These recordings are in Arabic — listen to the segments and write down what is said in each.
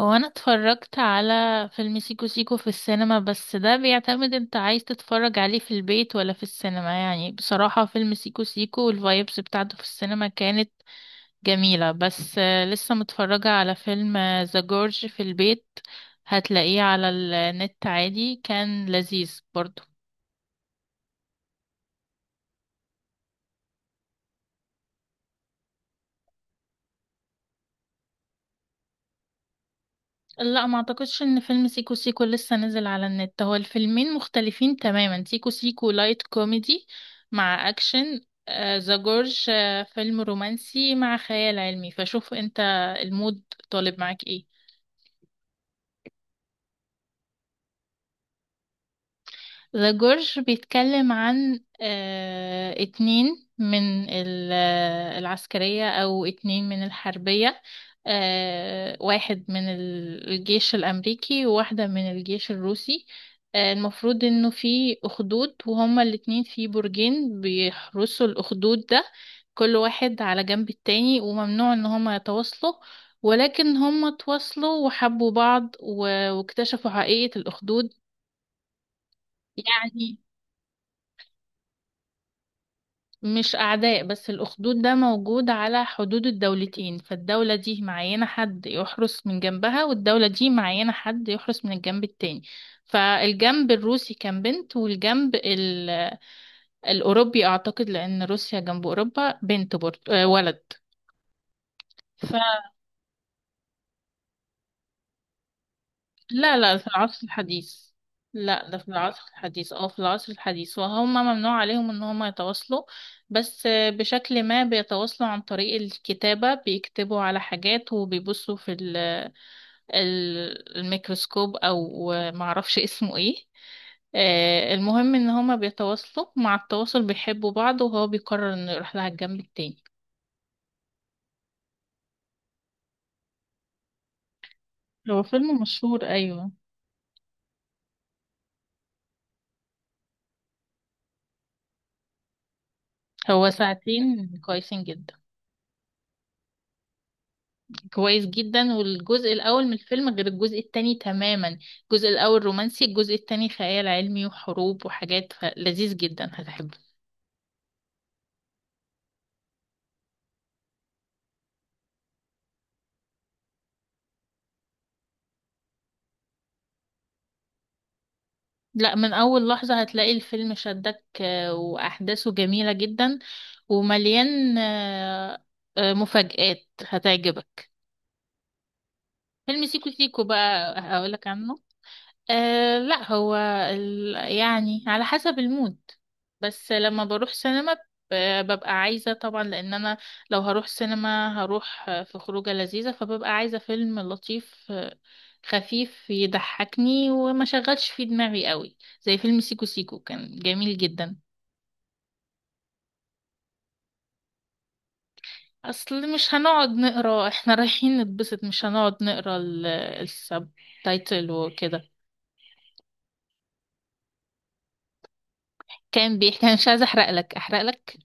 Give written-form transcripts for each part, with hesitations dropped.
هو انا اتفرجت على فيلم سيكو سيكو في السينما، بس ده بيعتمد انت عايز تتفرج عليه في البيت ولا في السينما. يعني بصراحة فيلم سيكو سيكو والفايبس بتاعته في السينما كانت جميلة، بس لسه متفرجة على فيلم ذا جورج في البيت. هتلاقيه على النت عادي، كان لذيذ برضو. لا، ما اعتقدش ان فيلم سيكو سيكو لسه نزل على النت. هو الفيلمين مختلفين تماما، سيكو سيكو لايت كوميدي مع اكشن. ذا جورج فيلم رومانسي مع خيال علمي، فشوف انت المود طالب معاك ايه. ذا جورج بيتكلم عن اتنين من العسكرية، أو اتنين من الحربية. واحد من الجيش الأمريكي، وواحدة من الجيش الروسي. المفروض إنه في أخدود، وهما الاتنين في برجين بيحرسوا الأخدود ده، كل واحد على جنب التاني، وممنوع إن هما يتواصلوا. ولكن هما تواصلوا وحبوا بعض واكتشفوا حقيقة الأخدود. يعني مش أعداء، بس الأخدود ده موجود على حدود الدولتين، فالدولة دي معينة حد يحرس من جنبها، والدولة دي معينة حد يحرس من الجنب التاني. فالجنب الروسي كان بنت، والجنب الأوروبي أعتقد، لأن روسيا جنب أوروبا، بنت برضه ولد. لا لا، في العصر الحديث. لا، ده في العصر الحديث، اه، في العصر الحديث، وهم ممنوع عليهم ان هم يتواصلوا. بس بشكل ما بيتواصلوا عن طريق الكتابة، بيكتبوا على حاجات وبيبصوا في الميكروسكوب او معرفش اسمه ايه. المهم ان هما بيتواصلوا، مع التواصل بيحبوا بعض، وهو بيقرر انه يروح لها الجنب التاني. هو فيلم مشهور، ايوه. هو ساعتين كويسين جدا. كويس جدا، والجزء الأول من الفيلم غير الجزء التاني تماما. الجزء الأول رومانسي، الجزء التاني خيال علمي وحروب وحاجات، لذيذ جدا، هتحبه. لا، من أول لحظة هتلاقي الفيلم شدك، وأحداثه جميلة جدا ومليان مفاجآت هتعجبك. فيلم سيكو سيكو بقى هقولك عنه. أه لا، هو يعني على حسب المود. بس لما بروح سينما، ببقى عايزة طبعا، لأن أنا لو هروح سينما هروح في خروجة لذيذة، فببقى عايزة فيلم لطيف خفيف يضحكني وما شغلش فيه دماغي قوي، زي فيلم سيكو سيكو. كان جميل جدا. أصل مش هنقعد نقرا احنا رايحين نتبسط، مش هنقعد نقرا السب تايتل وكده. كان بيحكي، أنا مش عايزة أحرق لك.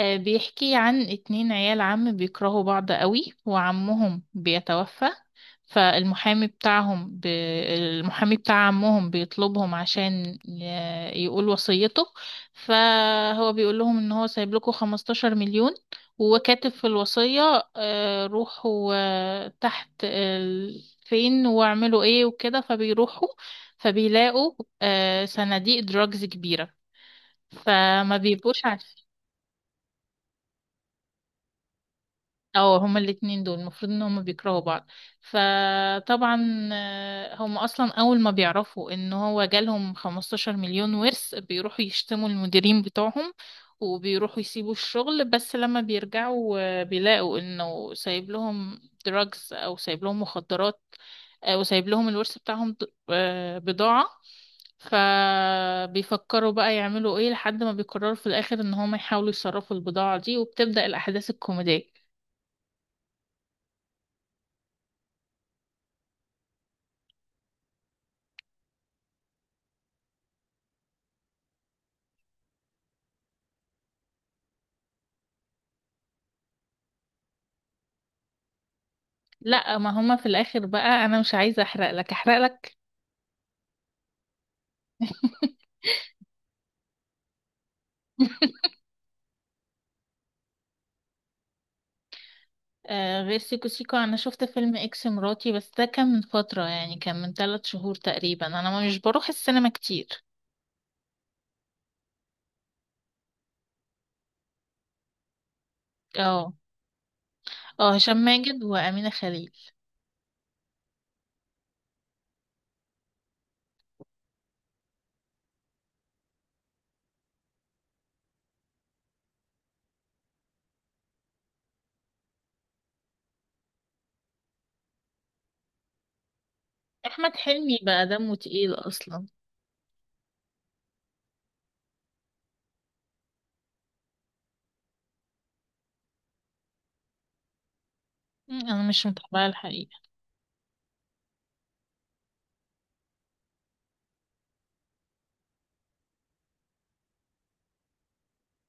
بيحكي عن اتنين عيال عم بيكرهوا بعض قوي، وعمهم بيتوفى. فالمحامي بتاعهم، المحامي بتاع عمهم بيطلبهم عشان يقول وصيته. فهو بيقول لهم ان هو سايب لكم 15 مليون، وكاتب في الوصية روحوا تحت فين، واعملوا ايه وكده. فبيروحوا، فبيلاقوا صناديق دراجز كبيرة، فما بيبقوش عارفين. اه، هما الاتنين دول المفروض ان هما بيكرهوا بعض. فطبعا هما اصلا اول ما بيعرفوا ان هو جالهم 15 مليون ورث، بيروحوا يشتموا المديرين بتوعهم، وبيروحوا يسيبوا الشغل. بس لما بيرجعوا بيلاقوا انه سايب لهم دراجز، او سايب لهم مخدرات وسايب لهم الورث بتاعهم بضاعة. فبيفكروا بقى يعملوا ايه، لحد ما بيقرروا في الاخر ان هما يحاولوا يصرفوا البضاعة دي، وبتبدأ الاحداث الكوميدية. لا، ما هما في الاخر بقى، انا مش عايزه احرق لك. آه، غير سيكو سيكو، انا شفت فيلم اكس مراتي، بس ده كان من فتره، يعني كان من ثلاث شهور تقريبا. انا مش بروح السينما كتير. اه. اه، هشام ماجد وامينه خليل. احمد حلمي بقى دمه تقيل اصلا. مم، انا مش متابعه الحقيقه.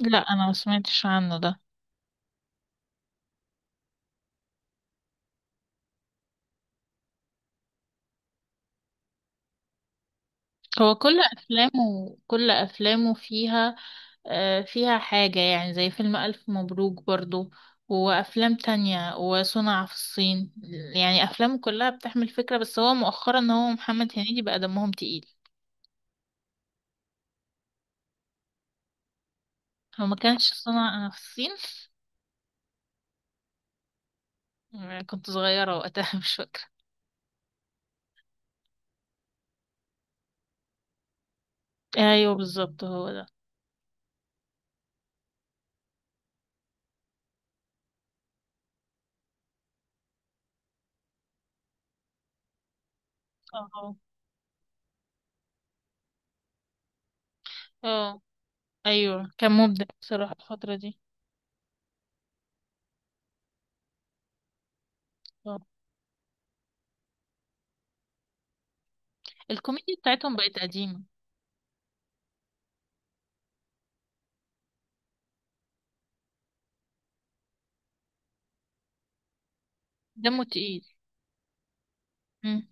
لا، انا ما سمعتش عنه ده. هو كل افلامه فيها فيها حاجة، يعني زي فيلم ألف مبروك برضو، وأفلام تانية، وصنع في الصين. يعني أفلام كلها بتحمل فكرة، بس هو مؤخرا إن هو محمد هنيدي بقى دمهم تقيل. هو ما كانش صنع في الصين. كنت صغيرة وقتها مش فاكرة. أيوه بالظبط، هو ده. اه. اه. أيوه، كان مبدع بصراحة الفترة دي. اه، الكوميديا بتاعتهم بقت قديمة. دمه تقيل. مم.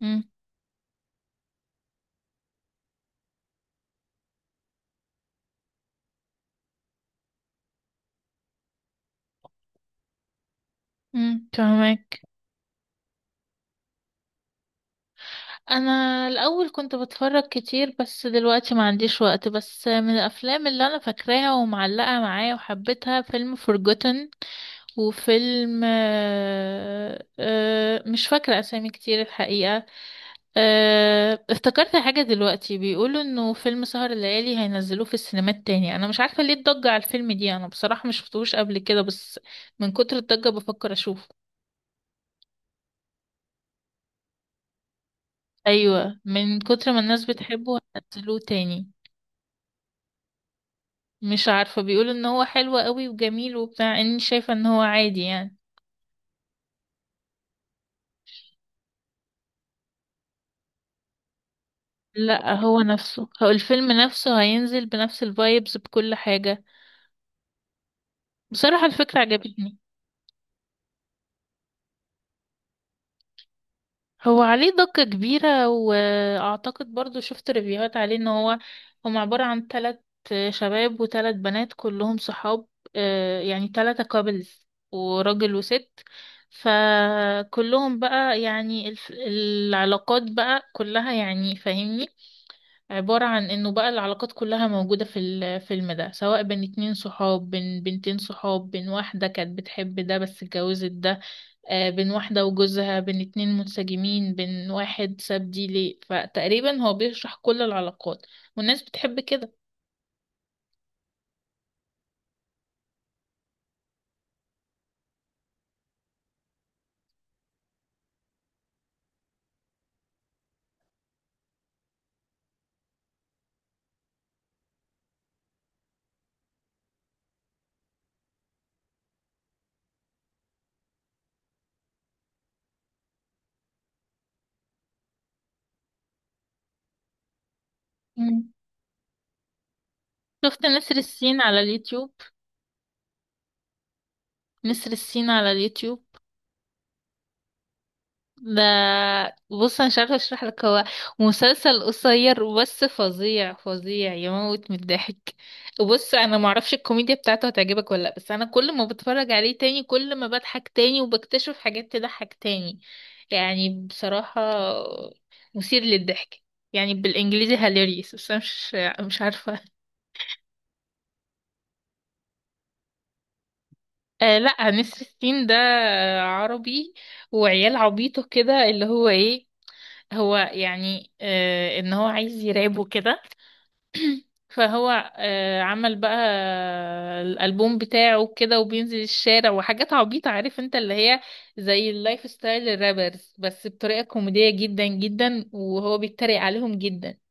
مم. مم، فهمك. انا الاول كنت بتفرج كتير، بس دلوقتي ما عنديش وقت. بس من الافلام اللي انا فاكراها ومعلقة معايا وحبيتها، فيلم Forgotten، وفيلم مش فاكرة اسامي كتير الحقيقة. افتكرت حاجة دلوقتي، بيقولوا انه فيلم سهر الليالي هينزلوه في السينمات تاني. انا مش عارفة ليه الضجة على الفيلم دي، انا بصراحة مش شفتهوش قبل كده، بس من كتر الضجة بفكر اشوفه. ايوه، من كتر ما الناس بتحبه هينزلوه تاني. مش عارفة، بيقولوا ان هو حلو قوي وجميل وبتاع، اني شايفة ان هو عادي يعني. لا، هو نفسه، هو الفيلم نفسه هينزل بنفس الفايبز بكل حاجة. بصراحة الفكرة عجبتني. هو عليه ضجة كبيرة، واعتقد برضو شفت ريفيوهات عليه ان هو هم عبارة عن تلات شباب وتلات بنات كلهم صحاب. يعني تلاتة كابلز، وراجل وست. فكلهم بقى، يعني العلاقات بقى كلها، يعني فاهمني، عبارة عن انه بقى العلاقات كلها موجودة في الفيلم ده، سواء بين اتنين صحاب، بين بنتين صحاب، بين واحدة كانت بتحب ده بس اتجوزت ده، بين واحدة وجوزها، بين اتنين منسجمين، بين واحد ساب دي ليه. فتقريبا هو بيشرح كل العلاقات، والناس بتحب كده. مم. شفت نسر السين على اليوتيوب؟ نسر السين على اليوتيوب ده، بص انا مش عارفه اشرح لك. هو مسلسل قصير، بس فظيع فظيع، يموت من الضحك. بص انا معرفش الكوميديا بتاعته هتعجبك ولا لا، بس انا كل ما بتفرج عليه تاني، كل ما بضحك تاني، وبكتشف حاجات تضحك تاني. يعني بصراحه مثير للضحك، يعني بالانجليزي هاليريس، بس انا مش عارفه. آه لا، نسر السين ده عربي، وعيال عبيطه كده، اللي هو ايه، هو يعني ان هو عايز يراب وكده، فهو عمل بقى الالبوم بتاعه كده، وبينزل الشارع وحاجات عبيطة، عارف انت اللي هي زي اللايف ستايل الرابرز، بس بطريقة كوميدية جدا جدا، وهو بيتريق عليهم جدا.